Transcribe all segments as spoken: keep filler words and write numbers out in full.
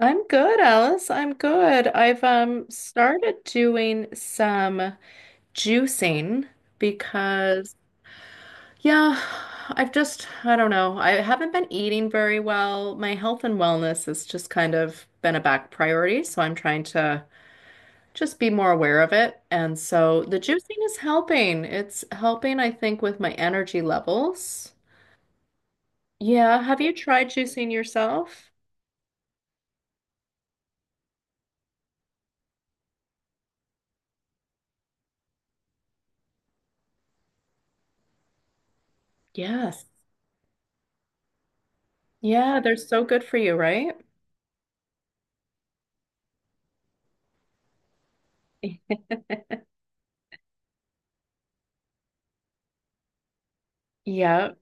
I'm good, Alice. I'm good. I've um started doing some juicing because yeah, I've just I don't know. I haven't been eating very well. My health and wellness has just kind of been a back priority, so I'm trying to just be more aware of it. And so the juicing is helping. It's helping, I think, with my energy levels. Yeah, have you tried juicing yourself? Yes. Yeah, they're so good for you, right? Yeah.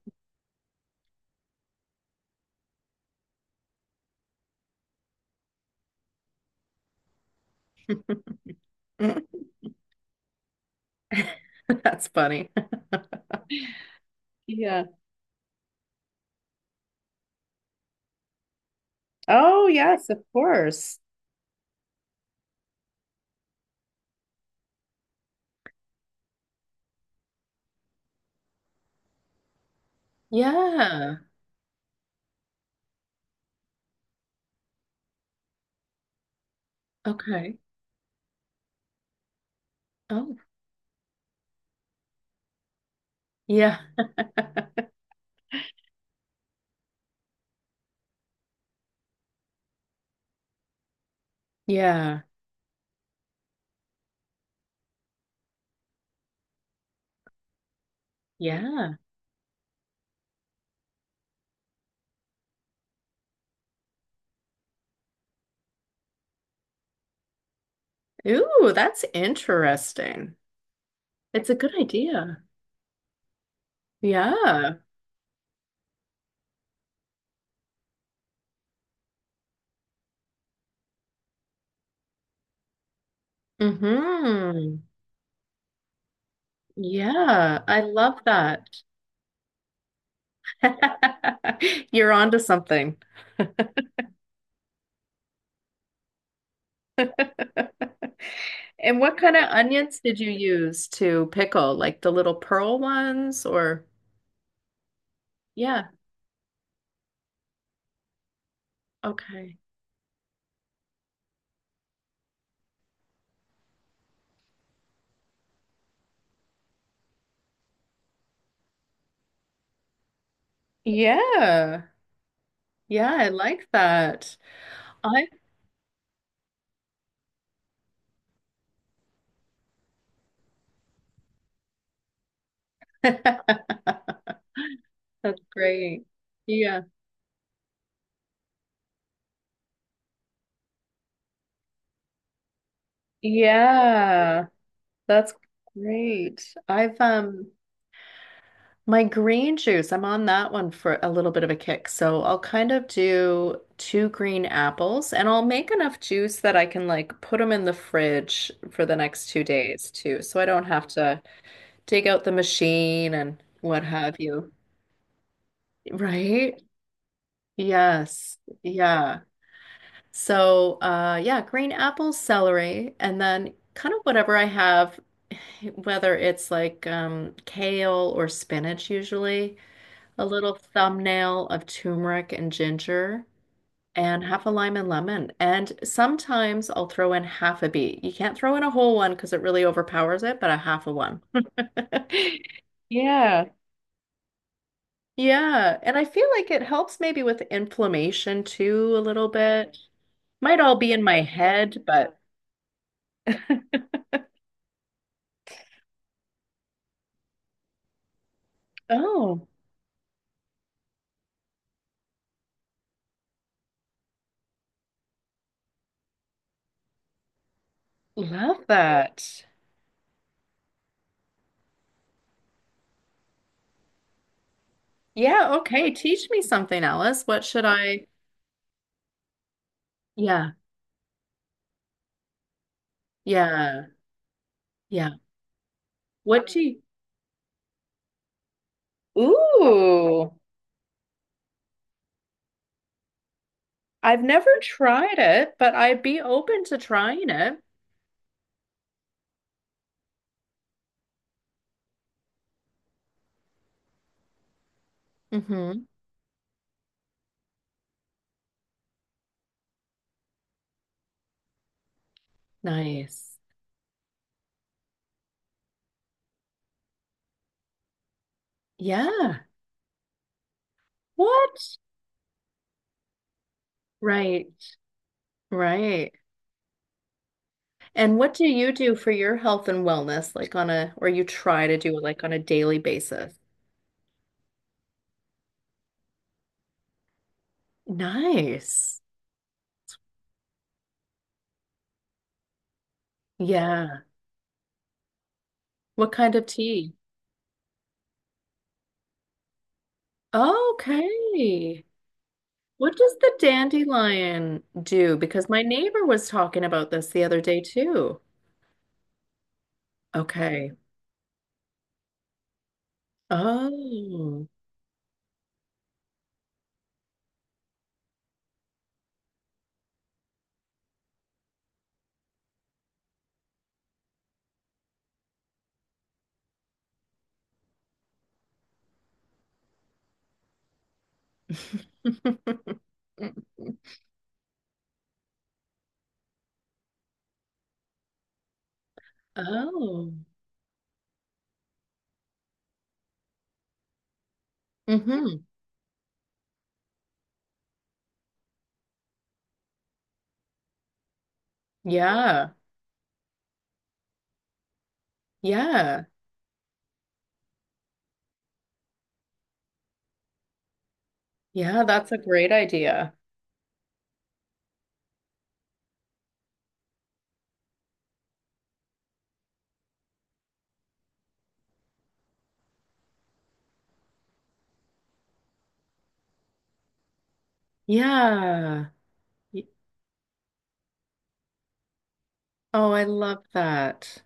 That's funny. Yeah. Oh, yes, of course. Yeah. Okay. Oh, yeah. Yeah. Yeah. Ooh, that's interesting. It's a good idea. Yeah. Mm-hmm. Yeah. I love that. You're onto something. And what kind of onions did you use to pickle? Like the little pearl ones or? Yeah. Okay. Yeah. Yeah, I like that. I That's great. Yeah. Yeah. That's great. I've um my green juice, I'm on that one for a little bit of a kick. So I'll kind of do two green apples and I'll make enough juice that I can like put them in the fridge for the next two days too. So I don't have to dig out the machine and what have you. Right? Yes. Yeah. So, uh, yeah, green apples, celery, and then kind of whatever I have, whether it's like um, kale or spinach, usually a little thumbnail of turmeric and ginger, and half a lime and lemon. And sometimes I'll throw in half a beet. You can't throw in a whole one because it really overpowers it, but a half a one. Yeah. Yeah, and I feel like it helps maybe with inflammation too, a little bit. Might all be in my head, but. Oh, love that. Yeah, okay. Teach me something, Alice. What should I? Yeah, yeah, yeah. What do you... Ooh, I've never tried it, but I'd be open to trying it. Mm-hmm. Nice. Yeah. What? Right, right. And what do you do for your health and wellness, like on a, or you try to do like on a daily basis? Nice. Yeah. What kind of tea? Okay. What does the dandelion do? Because my neighbor was talking about this the other day too. Okay. Oh. Oh. Hmm. Yeah. Yeah. Yeah, that's a great idea. Yeah. Y- Oh, I love that.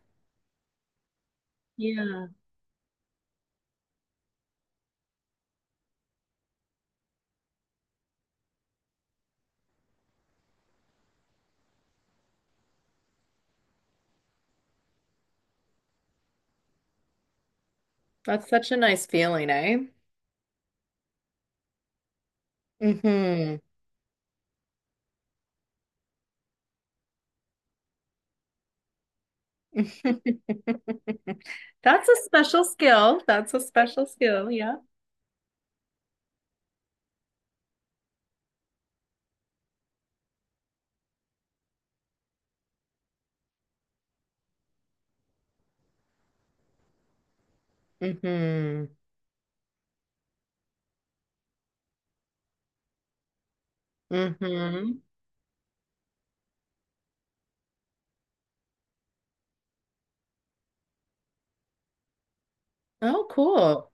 Yeah. That's such a nice feeling, eh? Hmm. That's a special skill. That's a special skill, yeah. Hmm. Hmm. Oh, cool.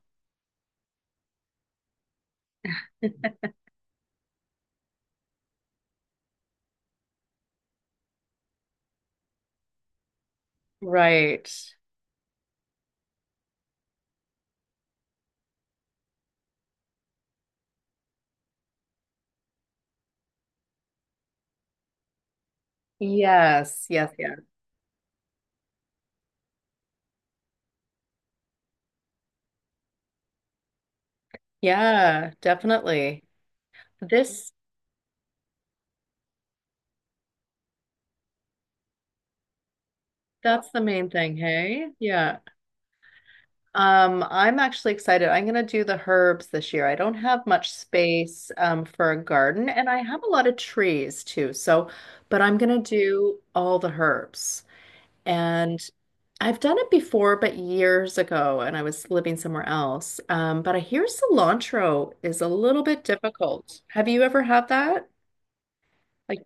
Right. Yes, yes, yeah. Yeah, definitely. This that's the main thing, hey? Yeah. Um, I'm actually excited. I'm gonna do the herbs this year. I don't have much space um for a garden and I have a lot of trees too. So, but I'm gonna do all the herbs. And I've done it before, but years ago, and I was living somewhere else. Um, but I hear cilantro is a little bit difficult. Have you ever had that? Like,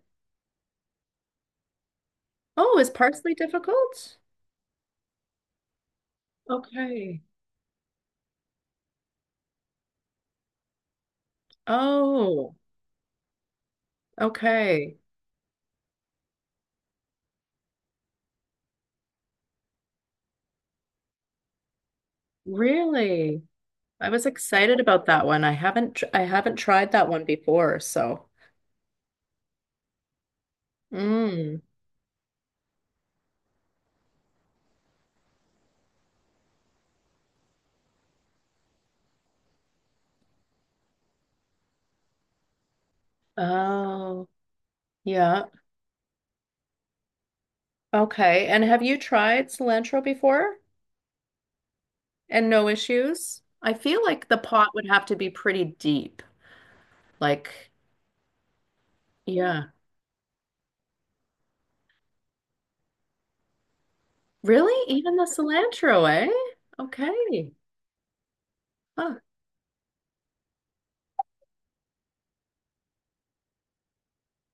oh, is parsley difficult? Okay. Oh, okay. Really? I was excited about that one. I haven't tr I haven't tried that one before, so. Mm. Oh, yeah. Okay. And have you tried cilantro before? And no issues? I feel like the pot would have to be pretty deep. Like, yeah. Really? Even the cilantro, eh? Okay. Huh.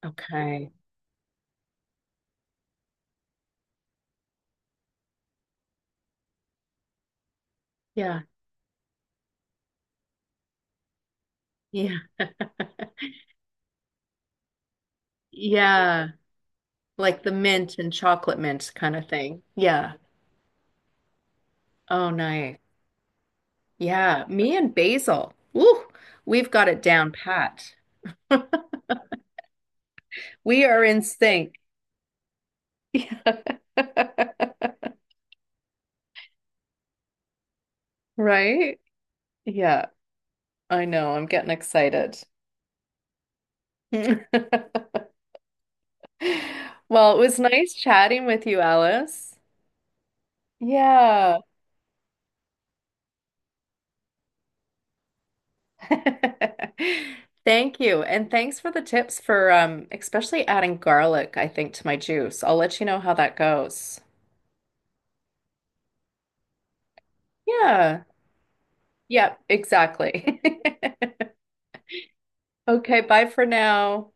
Okay. Yeah. Yeah. Yeah. Like the mint and chocolate mint kind of thing. Yeah. Oh, nice. Yeah. Me and basil. Woo, we've got it down pat. We are in sync. Yeah. Right? Yeah. I know. I'm getting excited. Well, it was nice chatting with you, Alice. Yeah. Thank you. And thanks for the tips for um especially adding garlic, I think, to my juice. I'll let you know how that goes. Yeah. Yep, exactly. Okay, bye for now.